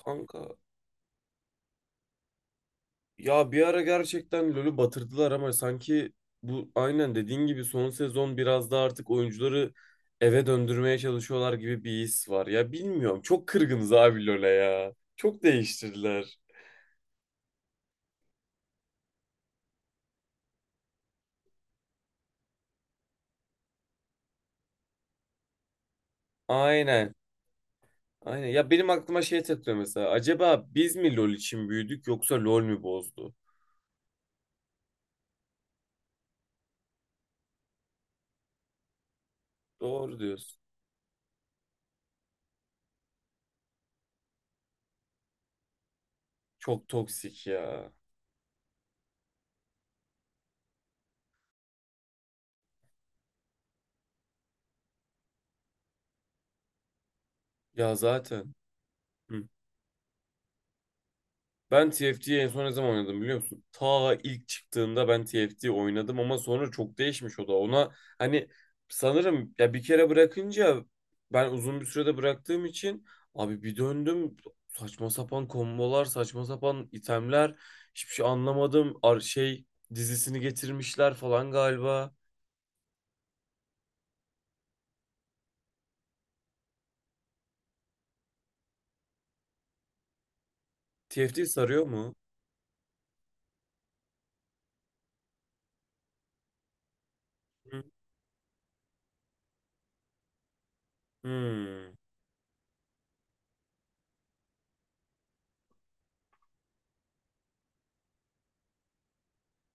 Kanka ya bir ara gerçekten LoL'ü batırdılar ama sanki bu aynen dediğin gibi son sezon biraz da artık oyuncuları eve döndürmeye çalışıyorlar gibi bir his var. Ya bilmiyorum çok kırgınız abi LoL'e ya. Çok değiştirdiler. Aynen. Aynen. Ya benim aklıma şey takılıyor mesela. Acaba biz mi LoL için büyüdük yoksa LoL mü bozdu? Doğru diyorsun. Çok toksik ya. Ya zaten. Hı. Ben TFT'yi en son ne zaman oynadım biliyor musun? Ta ilk çıktığında ben TFT oynadım ama sonra çok değişmiş o da. Ona hani sanırım ya bir kere bırakınca ben uzun bir sürede bıraktığım için abi bir döndüm saçma sapan kombolar, saçma sapan itemler hiçbir şey anlamadım. Ar şey dizisini getirmişler falan galiba. TFT sarıyor mu? Hı. Hmm.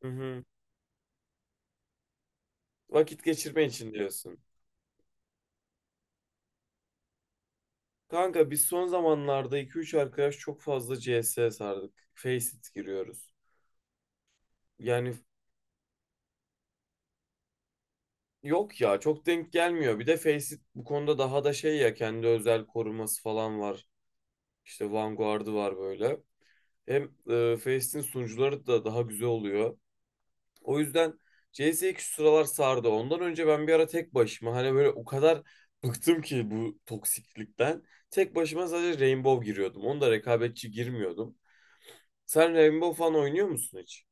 Hı hı. Vakit geçirme için diyorsun. Kanka biz son zamanlarda iki üç arkadaş çok fazla CS'ye sardık. Faceit giriyoruz. Yani yok ya çok denk gelmiyor. Bir de Faceit bu konuda daha da şey ya kendi özel koruması falan var. İşte Vanguard'ı var böyle. Hem Faceit'in sunucuları da daha güzel oluyor. O yüzden CS 2 sıralar sardı. Ondan önce ben bir ara tek başıma hani böyle o kadar bıktım ki bu toksiklikten. Tek başıma sadece Rainbow giriyordum. Onda rekabetçi girmiyordum. Sen Rainbow falan oynuyor musun hiç?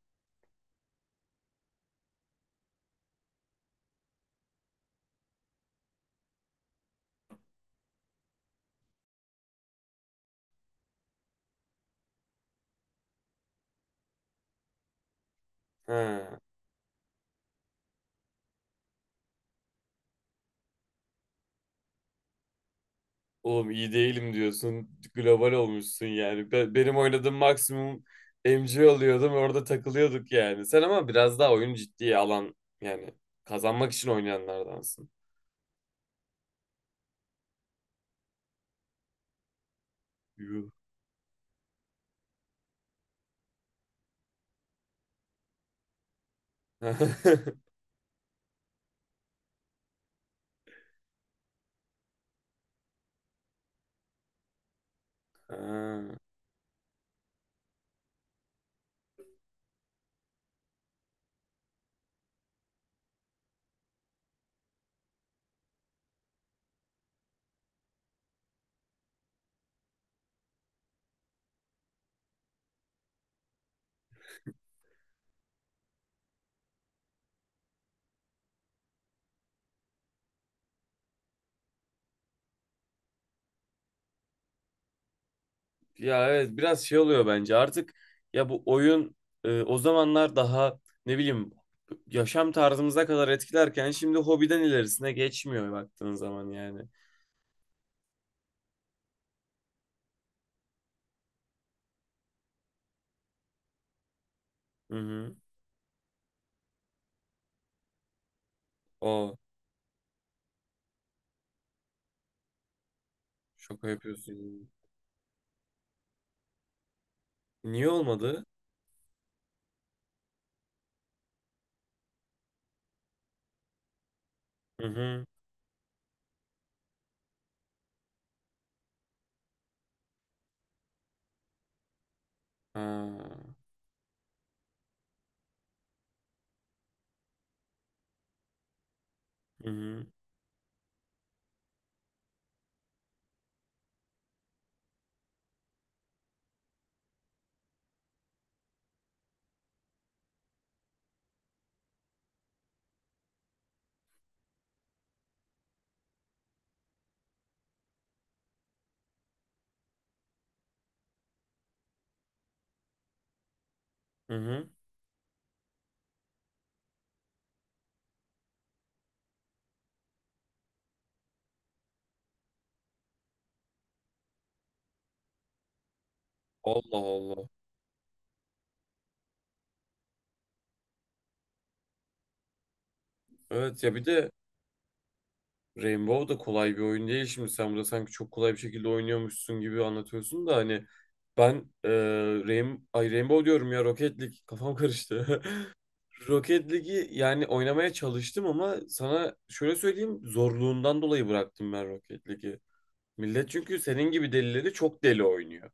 Ha, oğlum iyi değilim diyorsun. Global olmuşsun yani. Benim oynadığım maksimum MC oluyordum. Orada takılıyorduk yani. Sen ama biraz daha oyun ciddiye alan yani kazanmak için oynayanlardansın. Yuh. Ha. Ya evet biraz şey oluyor bence artık ya bu oyun o zamanlar daha ne bileyim yaşam tarzımıza kadar etkilerken şimdi hobiden ilerisine geçmiyor baktığın zaman yani. Hı hı. O, şaka yapıyorsun. Niye olmadı? Hı hı. Ha. Hı hı. Hı hı. Allah Allah. Evet ya bir de Rainbow da kolay bir oyun değil şimdi. Sen burada sanki çok kolay bir şekilde oynuyormuşsun gibi anlatıyorsun da hani ben e, Rainbow diyorum ya, Rocket League kafam karıştı. Rocket League'i yani oynamaya çalıştım ama sana şöyle söyleyeyim zorluğundan dolayı bıraktım ben Rocket League'i. Millet çünkü senin gibi delileri çok deli oynuyor.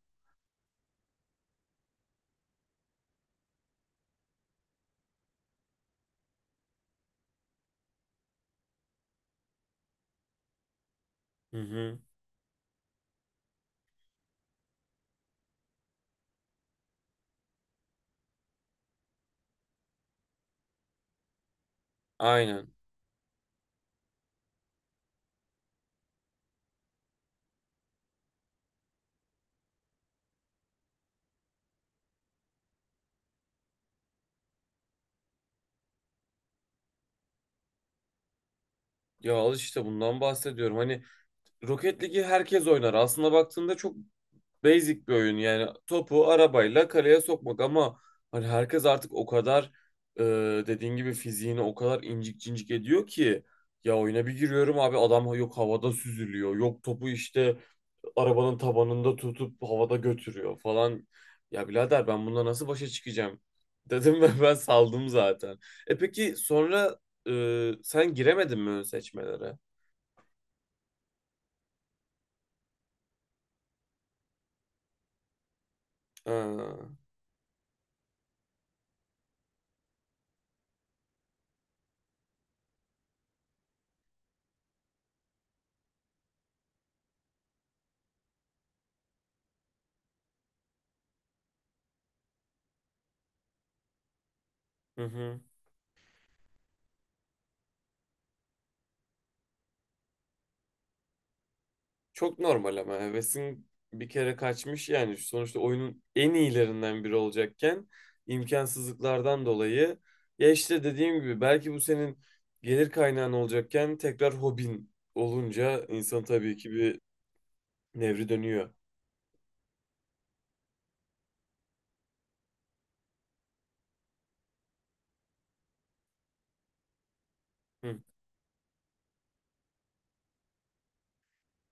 Hı hı. Aynen. Ya al işte bundan bahsediyorum. Hani Rocket League'i herkes oynar. Aslında baktığında çok basic bir oyun. Yani topu arabayla kaleye sokmak ama hani herkes artık o kadar e, dediğin gibi fiziğini o kadar incik cincik ediyor ki ya, oyuna bir giriyorum abi adam yok havada süzülüyor. Yok topu işte arabanın tabanında tutup havada götürüyor falan. Ya birader ben bununla nasıl başa çıkacağım? Dedim ve ben saldım zaten. E peki sonra sen giremedin mi ön seçmelere? Ha, hı hı. Çok normal ama hevesin bir kere kaçmış yani, sonuçta oyunun en iyilerinden biri olacakken imkansızlıklardan dolayı, ya işte dediğim gibi belki bu senin gelir kaynağın olacakken tekrar hobin olunca insan tabii ki bir nevri dönüyor. Hı.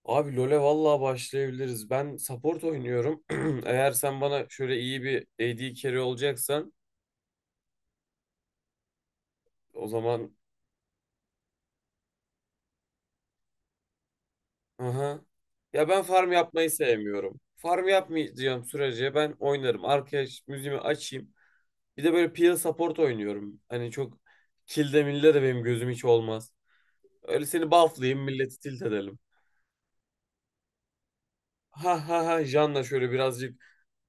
Abi LoL'e vallahi başlayabiliriz. Ben support oynuyorum. Eğer sen bana şöyle iyi bir AD carry olacaksan o zaman. Aha. Ya ben farm yapmayı sevmiyorum. Farm yapmayacağım sürece ben oynarım. Arkaya müziğimi açayım. Bir de böyle peel support oynuyorum. Hani çok kilde milde de benim gözüm hiç olmaz. Öyle seni bufflayayım, milleti tilt edelim. Ha ha ha, Janna şöyle birazcık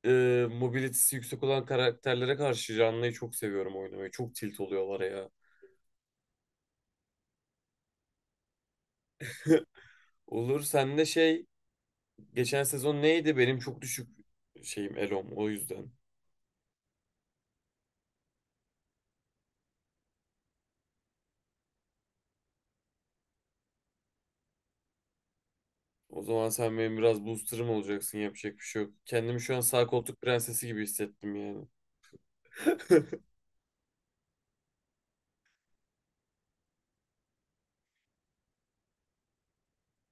mobilitesi yüksek olan karakterlere karşı Janna'yı çok seviyorum oynamayı. Çok tilt oluyorlar ya. Olur, sen de geçen sezon neydi benim çok düşük şeyim, Elom, o yüzden. O zaman sen benim biraz booster'ım olacaksın. Yapacak bir şey yok. Kendimi şu an sağ koltuk prensesi gibi hissettim yani.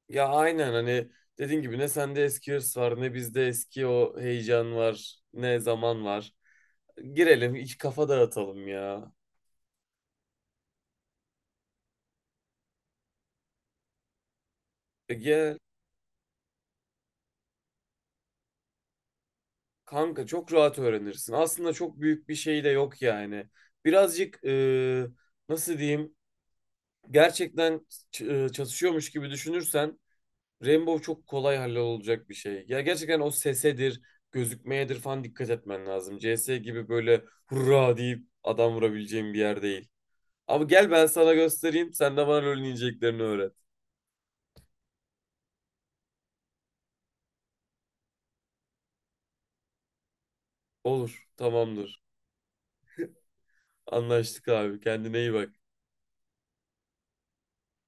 Ya aynen, hani dediğin gibi ne sende eski hırs var ne bizde eski o heyecan var, ne zaman var. Girelim, iki kafa dağıtalım ya. E, gel kanka, çok rahat öğrenirsin. Aslında çok büyük bir şey de yok yani. Birazcık nasıl diyeyim, gerçekten çatışıyormuş gibi düşünürsen Rainbow çok kolay hallolacak bir şey. Ya gerçekten o sesedir, gözükmeyedir falan dikkat etmen lazım. CS gibi böyle hurra deyip adam vurabileceğin bir yer değil. Ama gel ben sana göstereyim, sen de bana LoL'ün ineceklerini öğret. Olur, tamamdır. Anlaştık abi. Kendine iyi bak.